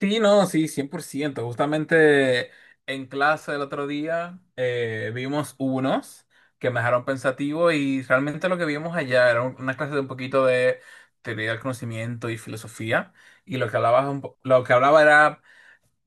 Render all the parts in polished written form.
Sí, no, sí, cien por ciento. Justamente en clase el otro día vimos unos que me dejaron pensativo, y realmente lo que vimos allá era una clase de un poquito de teoría del conocimiento y filosofía, y lo que hablaba era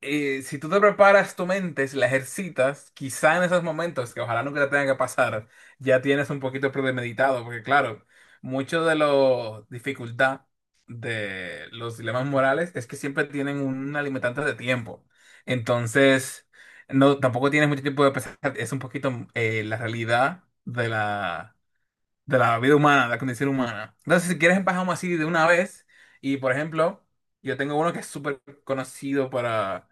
si tú te preparas tu mente, si la ejercitas, quizá en esos momentos, que ojalá nunca te tenga que pasar, ya tienes un poquito premeditado, porque claro, mucho de la dificultad de los dilemas morales es que siempre tienen un limitante de tiempo. Entonces, no, tampoco tienes mucho tiempo de pensar, es un poquito la realidad de la vida humana, de la condición humana. Entonces, si quieres, empezamos así de una vez. Y, por ejemplo, yo tengo uno que es súper conocido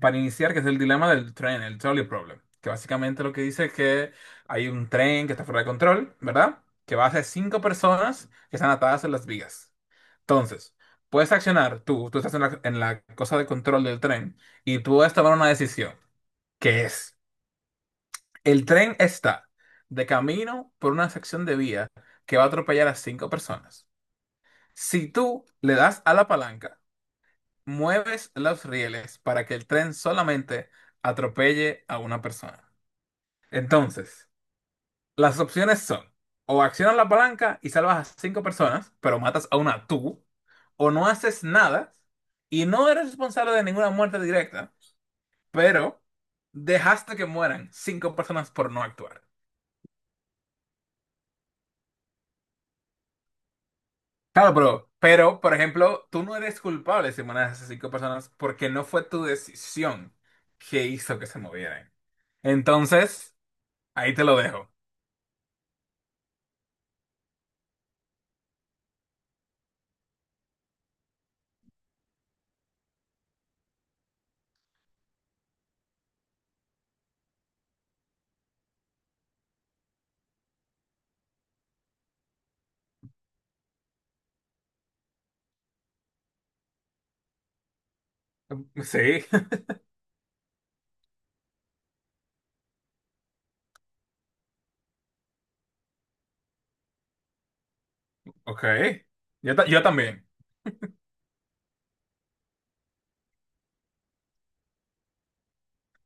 para iniciar, que es el dilema del tren, el trolley problem. Que básicamente lo que dice es que hay un tren que está fuera de control, ¿verdad? Que va hacia cinco personas que están atadas en las vigas. Entonces, puedes accionar tú, tú estás en en la cosa de control del tren, y tú puedes tomar una decisión, que es el tren está de camino por una sección de vía que va a atropellar a cinco personas. Si tú le das a la palanca, mueves los rieles para que el tren solamente atropelle a una persona. Entonces, las opciones son o accionas la palanca y salvas a cinco personas, pero matas a una tú, o no haces nada y no eres responsable de ninguna muerte directa, pero dejaste que mueran cinco personas por no actuar. Claro, pero, por ejemplo, tú no eres culpable si manejas a esas cinco personas porque no fue tu decisión que hizo que se movieran. Entonces, ahí te lo dejo. Sí, ok. Yo, yo también.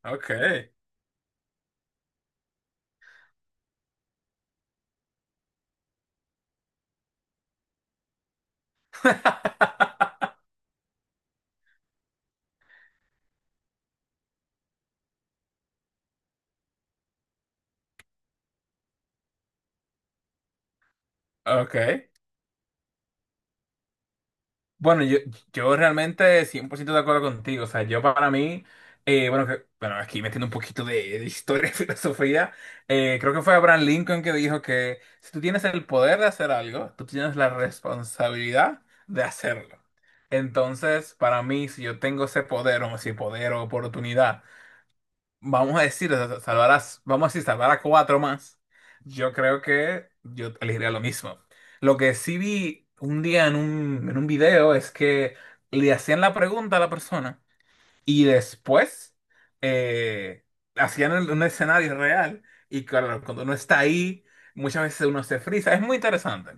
Ok, ok. Bueno, yo realmente 100% de acuerdo contigo. O sea, yo para mí, bueno, bueno, aquí metiendo un poquito de historia y filosofía, creo que fue Abraham Lincoln que dijo que si tú tienes el poder de hacer algo, tú tienes la responsabilidad de hacerlo. Entonces, para mí, si yo tengo ese poder, o si poder o oportunidad, vamos a decir, o sea, salvar a, vamos a decir, salvar a cuatro más, yo creo que yo elegiría lo mismo. Lo que sí vi un día en en un video es que le hacían la pregunta a la persona. Y después eh, hacían un escenario real, y claro, cuando uno está ahí, muchas veces uno se frisa. Es muy interesante.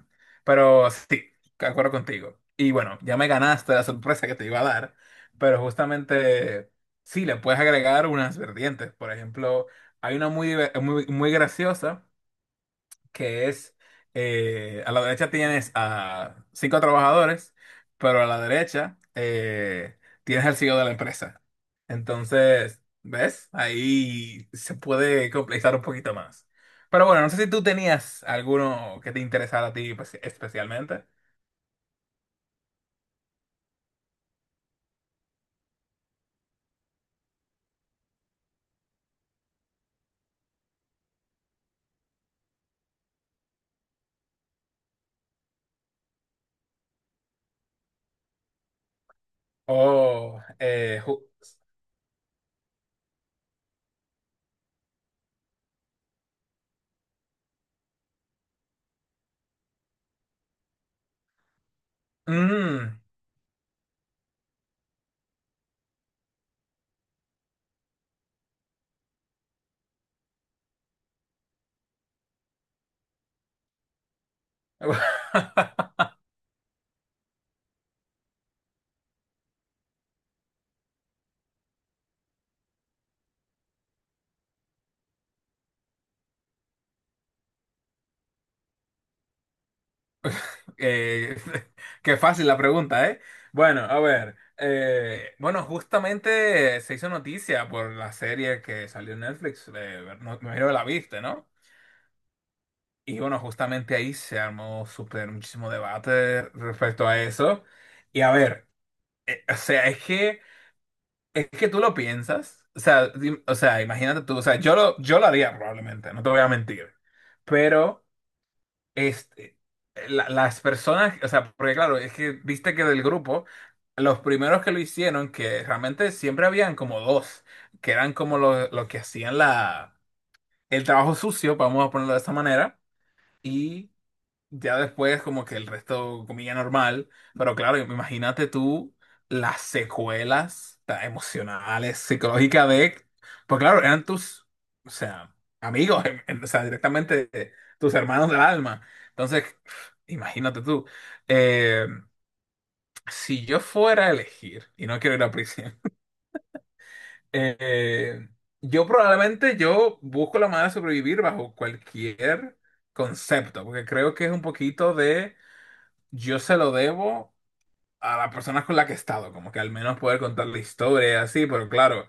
Pero sí, de acuerdo contigo. Y bueno, ya me ganaste la sorpresa que te iba a dar, pero justamente sí, le puedes agregar unas vertientes. Por ejemplo, hay una muy, muy graciosa que es, a la derecha tienes a cinco trabajadores, pero a la derecha tienes al CEO de la empresa. Entonces, ¿ves? Ahí se puede complejizar un poquito más. Pero bueno, no sé si tú tenías alguno que te interesara a ti pues, especialmente. O... eh, ju- Mm. Eh, qué fácil la pregunta, ¿eh? Bueno, a ver. Bueno, justamente se hizo noticia por la serie que salió en Netflix. No, me imagino que la viste, ¿no? Y bueno, justamente ahí se armó súper muchísimo debate respecto a eso. Y a ver, o sea, es que tú lo piensas. O sea, o sea, imagínate tú. O sea, yo lo haría probablemente, no te voy a mentir. Pero. Este, las personas, o sea, porque claro, es que viste que del grupo, los primeros que lo hicieron, que realmente siempre habían como dos, que eran como los que hacían el trabajo sucio, vamos a ponerlo de esa manera, ya después, como que el resto comía normal, pero claro, imagínate tú las secuelas emocionales, psicológicas de, pues claro, eran tus, o sea, amigos, o sea, directamente tus hermanos del alma. Entonces, imagínate tú, eh, si yo fuera a elegir, y no quiero ir a prisión, eh, yo probablemente yo busco la manera de sobrevivir bajo cualquier concepto, porque creo que es un poquito de yo se lo debo a las personas con las que he estado, como que al menos poder contar la historia y así, pero claro,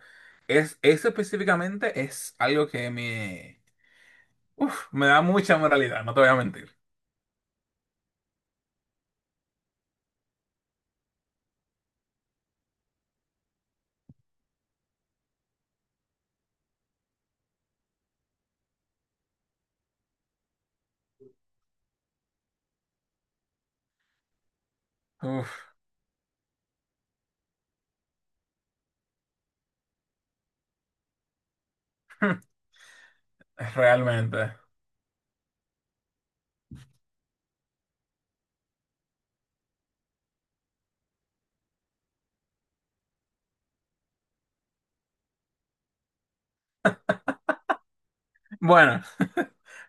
es, eso específicamente es algo que me da mucha moralidad, no te voy a mentir. Uf, realmente. Bueno,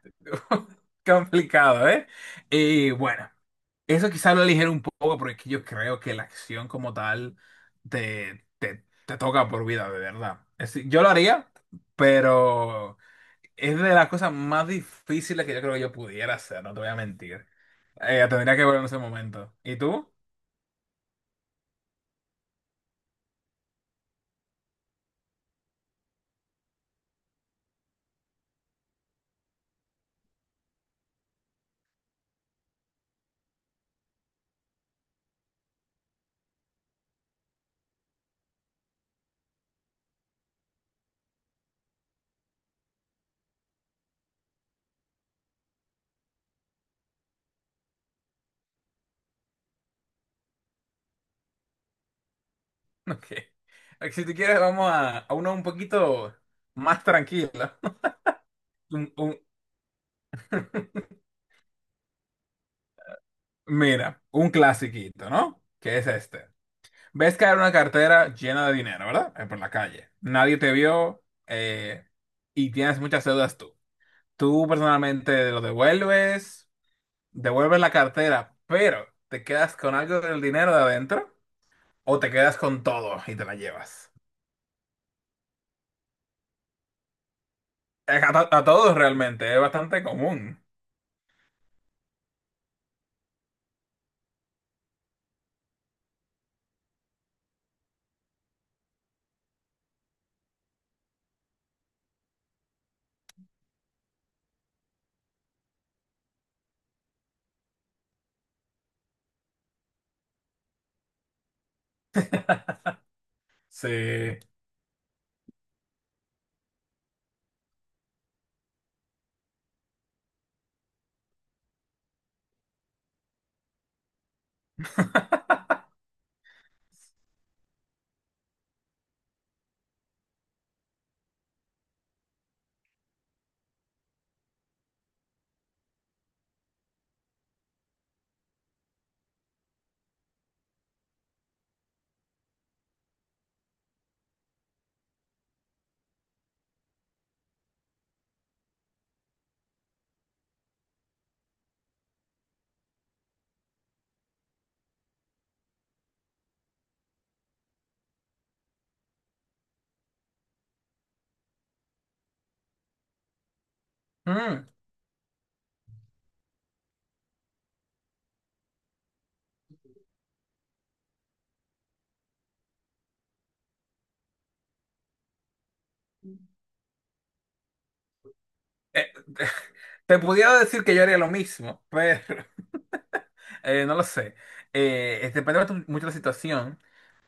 complicado, ¿eh? Y bueno, eso quizá lo ligero un poco porque yo creo que la acción como tal te toca por vida, de verdad. Es decir, yo lo haría, pero... Es de las cosas más difíciles que yo creo que yo pudiera hacer, no te voy a mentir. Tendría que volver en ese momento. ¿Y tú? Ok. Ok, si tú quieres, vamos a uno un poquito más tranquilo. Un- un- Mira, un clasiquito, ¿no? ¿Qué es este? Ves caer una cartera llena de dinero, ¿verdad? Por la calle. Nadie te vio, eh, y tienes muchas deudas tú. Tú personalmente lo devuelves, devuelves la cartera, pero te quedas con algo del dinero de adentro. O te quedas con todo y te la llevas. A, a todos realmente, es bastante común. Sí. Mm, eh, te pudiera decir que yo haría lo mismo, pero no lo sé. Depende bastante mucho de la situación.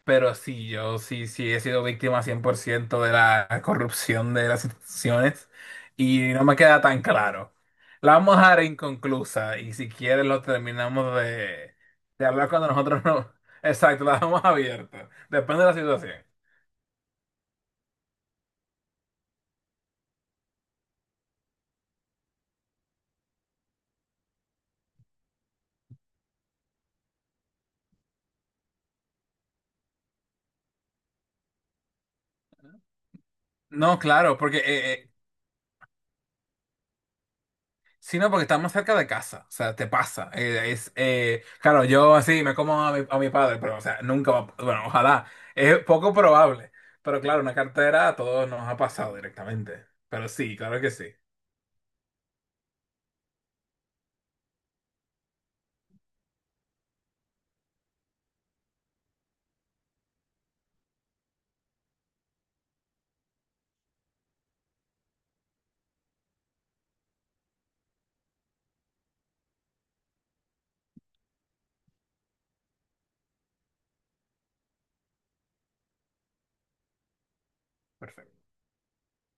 Pero sí, sí he sido víctima 100% de la corrupción de las instituciones, y no me queda tan claro. La vamos a dejar inconclusa, y si quieres lo terminamos de hablar cuando nosotros no... Exacto, la dejamos abierta. Depende de la situación. No, claro, porque sino porque está más cerca de casa, o sea, te pasa. Claro, yo así me como a a mi padre, pero, o sea, nunca, bueno, ojalá, es poco probable, pero claro, una cartera a todos nos ha pasado directamente, pero sí, claro que sí. Perfecto.